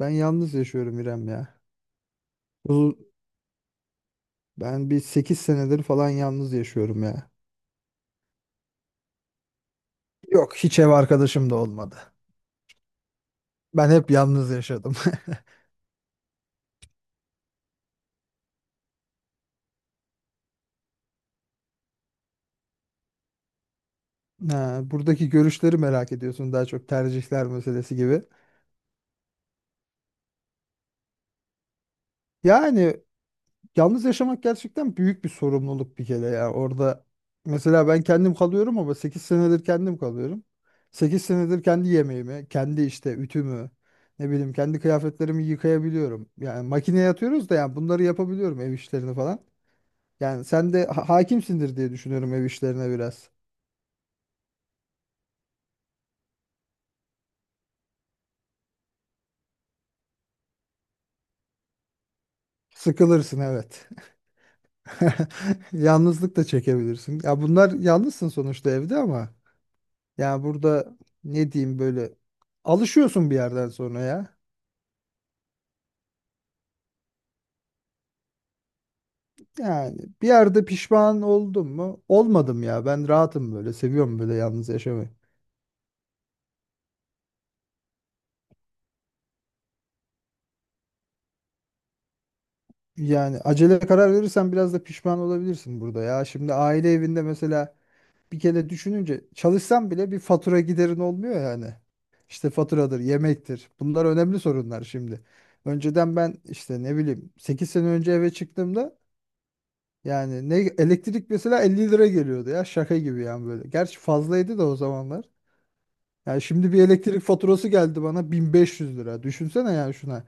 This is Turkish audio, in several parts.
Ben yalnız yaşıyorum İrem ya. Bu ben bir 8 senedir falan yalnız yaşıyorum ya. Yok hiç ev arkadaşım da olmadı. Ben hep yalnız yaşadım. Ha, buradaki görüşleri merak ediyorsun, daha çok tercihler meselesi gibi. Yani yalnız yaşamak gerçekten büyük bir sorumluluk bir kere ya. Orada mesela ben kendim kalıyorum, ama 8 senedir kendim kalıyorum. 8 senedir kendi yemeğimi, kendi işte ütümü, ne bileyim kendi kıyafetlerimi yıkayabiliyorum. Yani makineye atıyoruz da yani bunları yapabiliyorum, ev işlerini falan. Yani sen de hakimsindir diye düşünüyorum ev işlerine biraz. Sıkılırsın, evet. Yalnızlık da çekebilirsin. Ya bunlar, yalnızsın sonuçta evde, ama yani burada ne diyeyim, böyle alışıyorsun bir yerden sonra ya. Yani bir yerde pişman oldum mu? Olmadım ya. Ben rahatım böyle. Seviyorum böyle yalnız yaşamayı. Yani acele karar verirsen biraz da pişman olabilirsin burada ya. Şimdi aile evinde mesela, bir kere düşününce, çalışsan bile bir fatura giderin olmuyor yani. İşte faturadır, yemektir. Bunlar önemli sorunlar şimdi. Önceden ben işte ne bileyim, 8 sene önce eve çıktığımda yani ne elektrik mesela, 50 lira geliyordu ya, şaka gibi yani böyle. Gerçi fazlaydı da o zamanlar. Yani şimdi bir elektrik faturası geldi bana 1500 lira. Düşünsene yani şuna.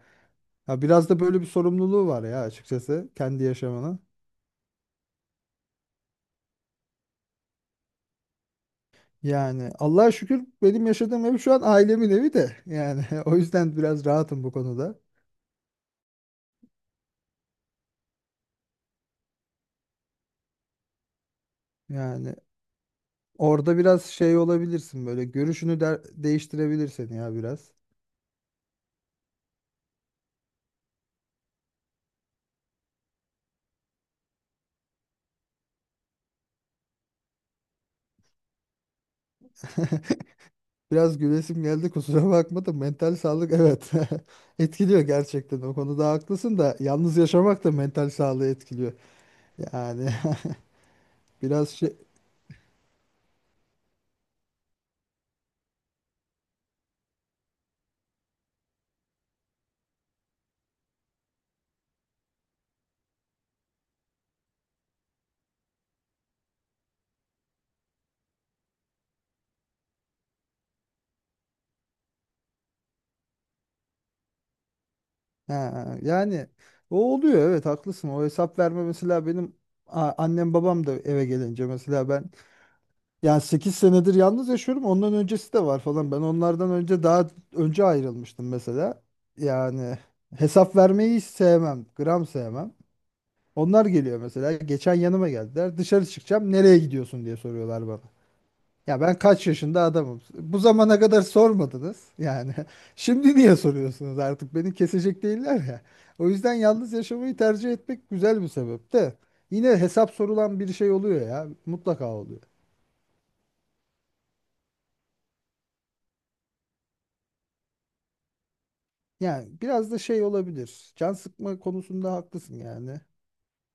Ya biraz da böyle bir sorumluluğu var ya, açıkçası kendi yaşamına. Yani Allah'a şükür benim yaşadığım ev şu an ailemin evi de. Yani o yüzden biraz rahatım bu konuda. Yani orada biraz şey olabilirsin, böyle görüşünü değiştirebilir seni ya biraz. Biraz gülesim geldi, kusura bakma da, mental sağlık, evet, etkiliyor gerçekten, o konuda haklısın da yalnız yaşamak da mental sağlığı etkiliyor. Yani biraz şey. Ha, yani o oluyor, evet haklısın. O hesap verme mesela, benim annem babam da eve gelince mesela, ben yani 8 senedir yalnız yaşıyorum. Ondan öncesi de var falan. Ben onlardan önce daha önce ayrılmıştım mesela. Yani hesap vermeyi hiç sevmem. Gram sevmem. Onlar geliyor mesela. Geçen yanıma geldiler. Dışarı çıkacağım. Nereye gidiyorsun diye soruyorlar bana. Ya ben kaç yaşında adamım. Bu zamana kadar sormadınız. Yani şimdi niye soruyorsunuz artık? Beni kesecek değiller ya. O yüzden yalnız yaşamayı tercih etmek güzel bir sebep de. Yine hesap sorulan bir şey oluyor ya. Mutlaka oluyor. Yani biraz da şey olabilir. Can sıkma konusunda haklısın yani.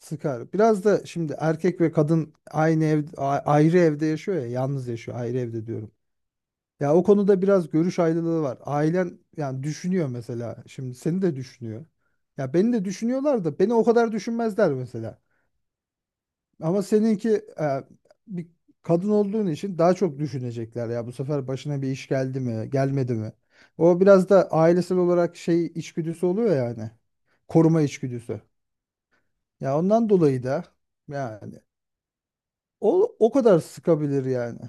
Sıkar. Biraz da şimdi erkek ve kadın aynı ev, ayrı evde yaşıyor ya. Yalnız yaşıyor. Ayrı evde diyorum. Ya o konuda biraz görüş ayrılığı var. Ailen yani düşünüyor mesela. Şimdi seni de düşünüyor. Ya beni de düşünüyorlar da beni o kadar düşünmezler mesela. Ama seninki, e, bir kadın olduğun için daha çok düşünecekler ya, bu sefer başına bir iş geldi mi, gelmedi mi? O biraz da ailesel olarak şey içgüdüsü oluyor yani. Koruma içgüdüsü. Ya ondan dolayı da yani o kadar sıkabilir yani.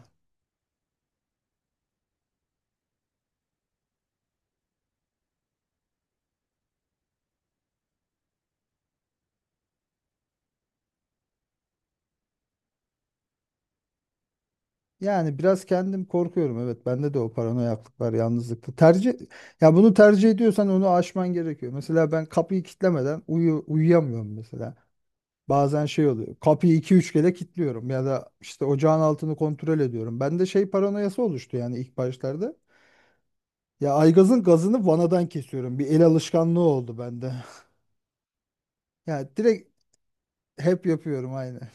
Yani biraz kendim korkuyorum. Evet, bende de o paranoyaklık var, yalnızlıkta. Tercih, ya bunu tercih ediyorsan onu aşman gerekiyor. Mesela ben kapıyı kilitlemeden uyuyamıyorum mesela. Bazen şey oluyor. Kapıyı 2 3 kere kilitliyorum ya da işte ocağın altını kontrol ediyorum. Bende şey paranoyası oluştu yani ilk başlarda. Ya aygazın gazını vanadan kesiyorum. Bir el alışkanlığı oldu bende. Ya direkt hep yapıyorum aynı.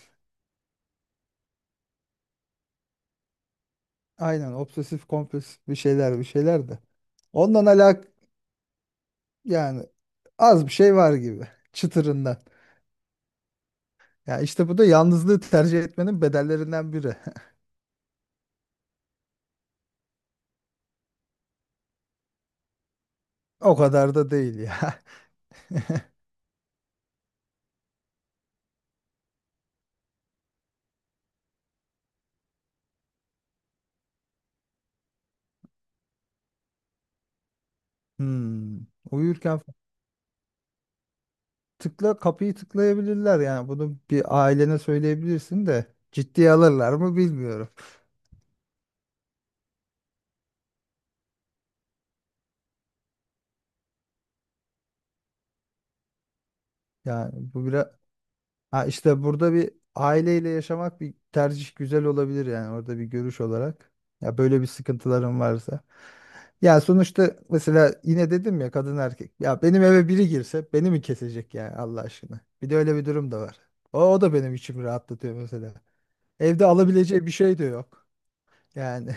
Aynen, aynen, obsesif kompulsif, bir şeyler bir şeyler de. Ondan alak. Yani az bir şey var gibi, çıtırından. Ya işte bu da yalnızlığı tercih etmenin bedellerinden biri. O kadar da değil ya. Hmm. Uyurken kapıyı tıklayabilirler, yani bunu bir ailene söyleyebilirsin de, ciddiye alırlar mı bilmiyorum. Yani bu biraz. Ha, işte burada bir aileyle yaşamak bir tercih, güzel olabilir yani, orada bir görüş olarak. Ya böyle bir sıkıntıların varsa. Ya sonuçta mesela yine dedim ya, kadın erkek. Ya benim eve biri girse beni mi kesecek yani, Allah aşkına. Bir de öyle bir durum da var. O da benim içimi rahatlatıyor mesela. Evde alabileceği bir şey de yok. Yani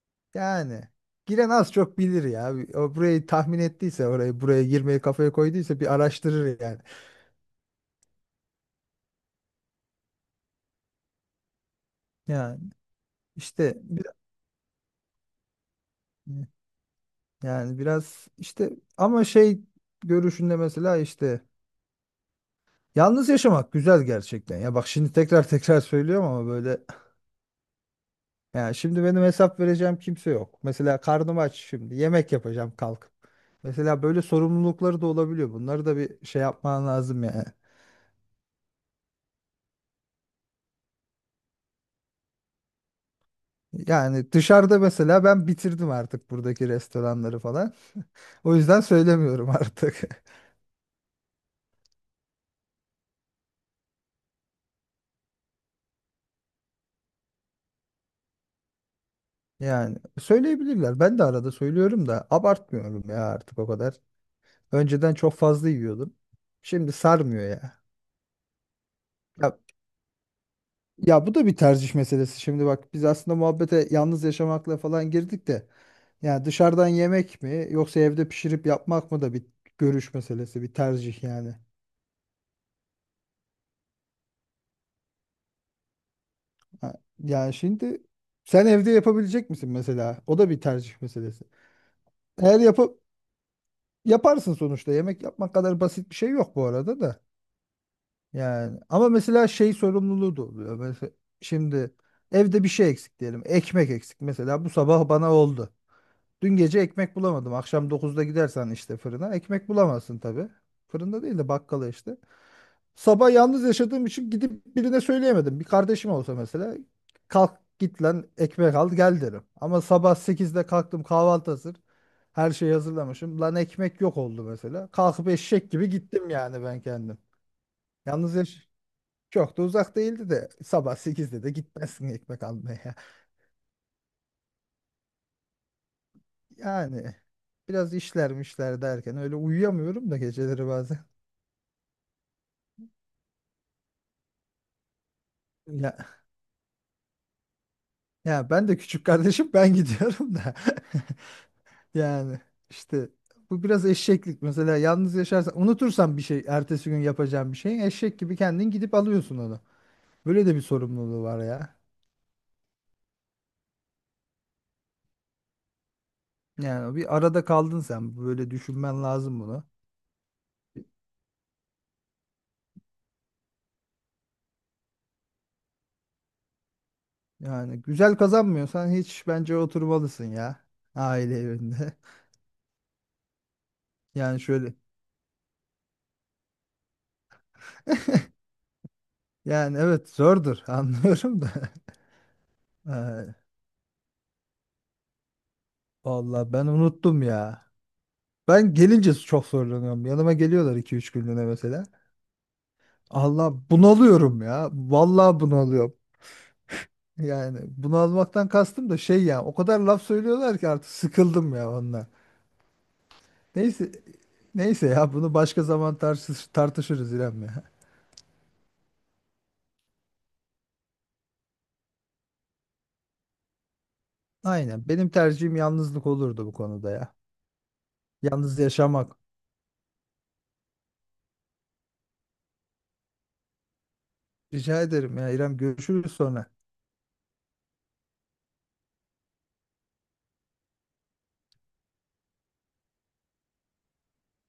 yani giren az çok bilir ya. O burayı tahmin ettiyse, orayı, buraya girmeyi kafaya koyduysa, bir araştırır yani. Yani işte bir. Yani biraz işte, ama şey, görüşünde mesela, işte yalnız yaşamak güzel gerçekten. Ya bak şimdi tekrar tekrar söylüyorum, ama böyle yani, şimdi benim hesap vereceğim kimse yok. Mesela karnım aç, şimdi yemek yapacağım kalkıp. Mesela böyle sorumlulukları da olabiliyor. Bunları da bir şey yapman lazım yani. Yani dışarıda mesela ben bitirdim artık buradaki restoranları falan. O yüzden söylemiyorum artık. Yani söyleyebilirler. Ben de arada söylüyorum da, abartmıyorum ya artık o kadar. Önceden çok fazla yiyordum. Şimdi sarmıyor ya. Ya, ya bu da bir tercih meselesi. Şimdi bak, biz aslında muhabbete yalnız yaşamakla falan girdik de. Yani dışarıdan yemek mi yoksa evde pişirip yapmak mı da bir görüş meselesi, bir tercih yani. Ha, yani şimdi sen evde yapabilecek misin mesela? O da bir tercih meselesi. Eğer yapıp, yaparsın sonuçta. Yemek yapmak kadar basit bir şey yok bu arada da. Yani ama mesela şey sorumluluğu da oluyor. Mesela şimdi evde bir şey eksik diyelim. Ekmek eksik. Mesela bu sabah bana oldu. Dün gece ekmek bulamadım. Akşam 9'da gidersen işte fırına, ekmek bulamazsın tabii. Fırında değil de bakkala işte. Sabah yalnız yaşadığım için gidip birine söyleyemedim. Bir kardeşim olsa mesela, kalk git lan ekmek al gel, derim. Ama sabah 8'de kalktım, kahvaltı hazır. Her şeyi hazırlamışım. Lan ekmek yok oldu mesela. Kalkıp eşek gibi gittim yani ben kendim. Yalnız yaş çok da uzak değildi de sabah 8'de de gitmezsin ekmek almaya. Yani biraz işlermişler derken öyle uyuyamıyorum da geceleri bazen. Ya, ya ben de küçük kardeşim, ben gidiyorum da. Yani işte bu biraz eşeklik. Mesela yalnız yaşarsan, unutursan bir şey, ertesi gün yapacağın bir şey, eşek gibi kendin gidip alıyorsun onu. Böyle de bir sorumluluğu var ya. Yani bir arada kaldın sen, böyle düşünmen lazım bunu. Yani güzel kazanmıyorsan hiç bence oturmalısın ya, aile evinde. Yani şöyle. Yani evet, zordur, anlıyorum da. Ee, vallahi ben unuttum ya. Ben gelince çok zorlanıyorum. Yanıma geliyorlar 2 3 günlüğüne mesela. Allah, bunalıyorum ya. Vallahi bunalıyorum. Yani bunalmaktan kastım da şey ya. O kadar laf söylüyorlar ki, artık sıkıldım ya onunla. Neyse, neyse ya, bunu başka zaman tartışırız İrem ya. Aynen. Benim tercihim yalnızlık olurdu bu konuda ya. Yalnız yaşamak. Rica ederim ya, İrem, görüşürüz sonra.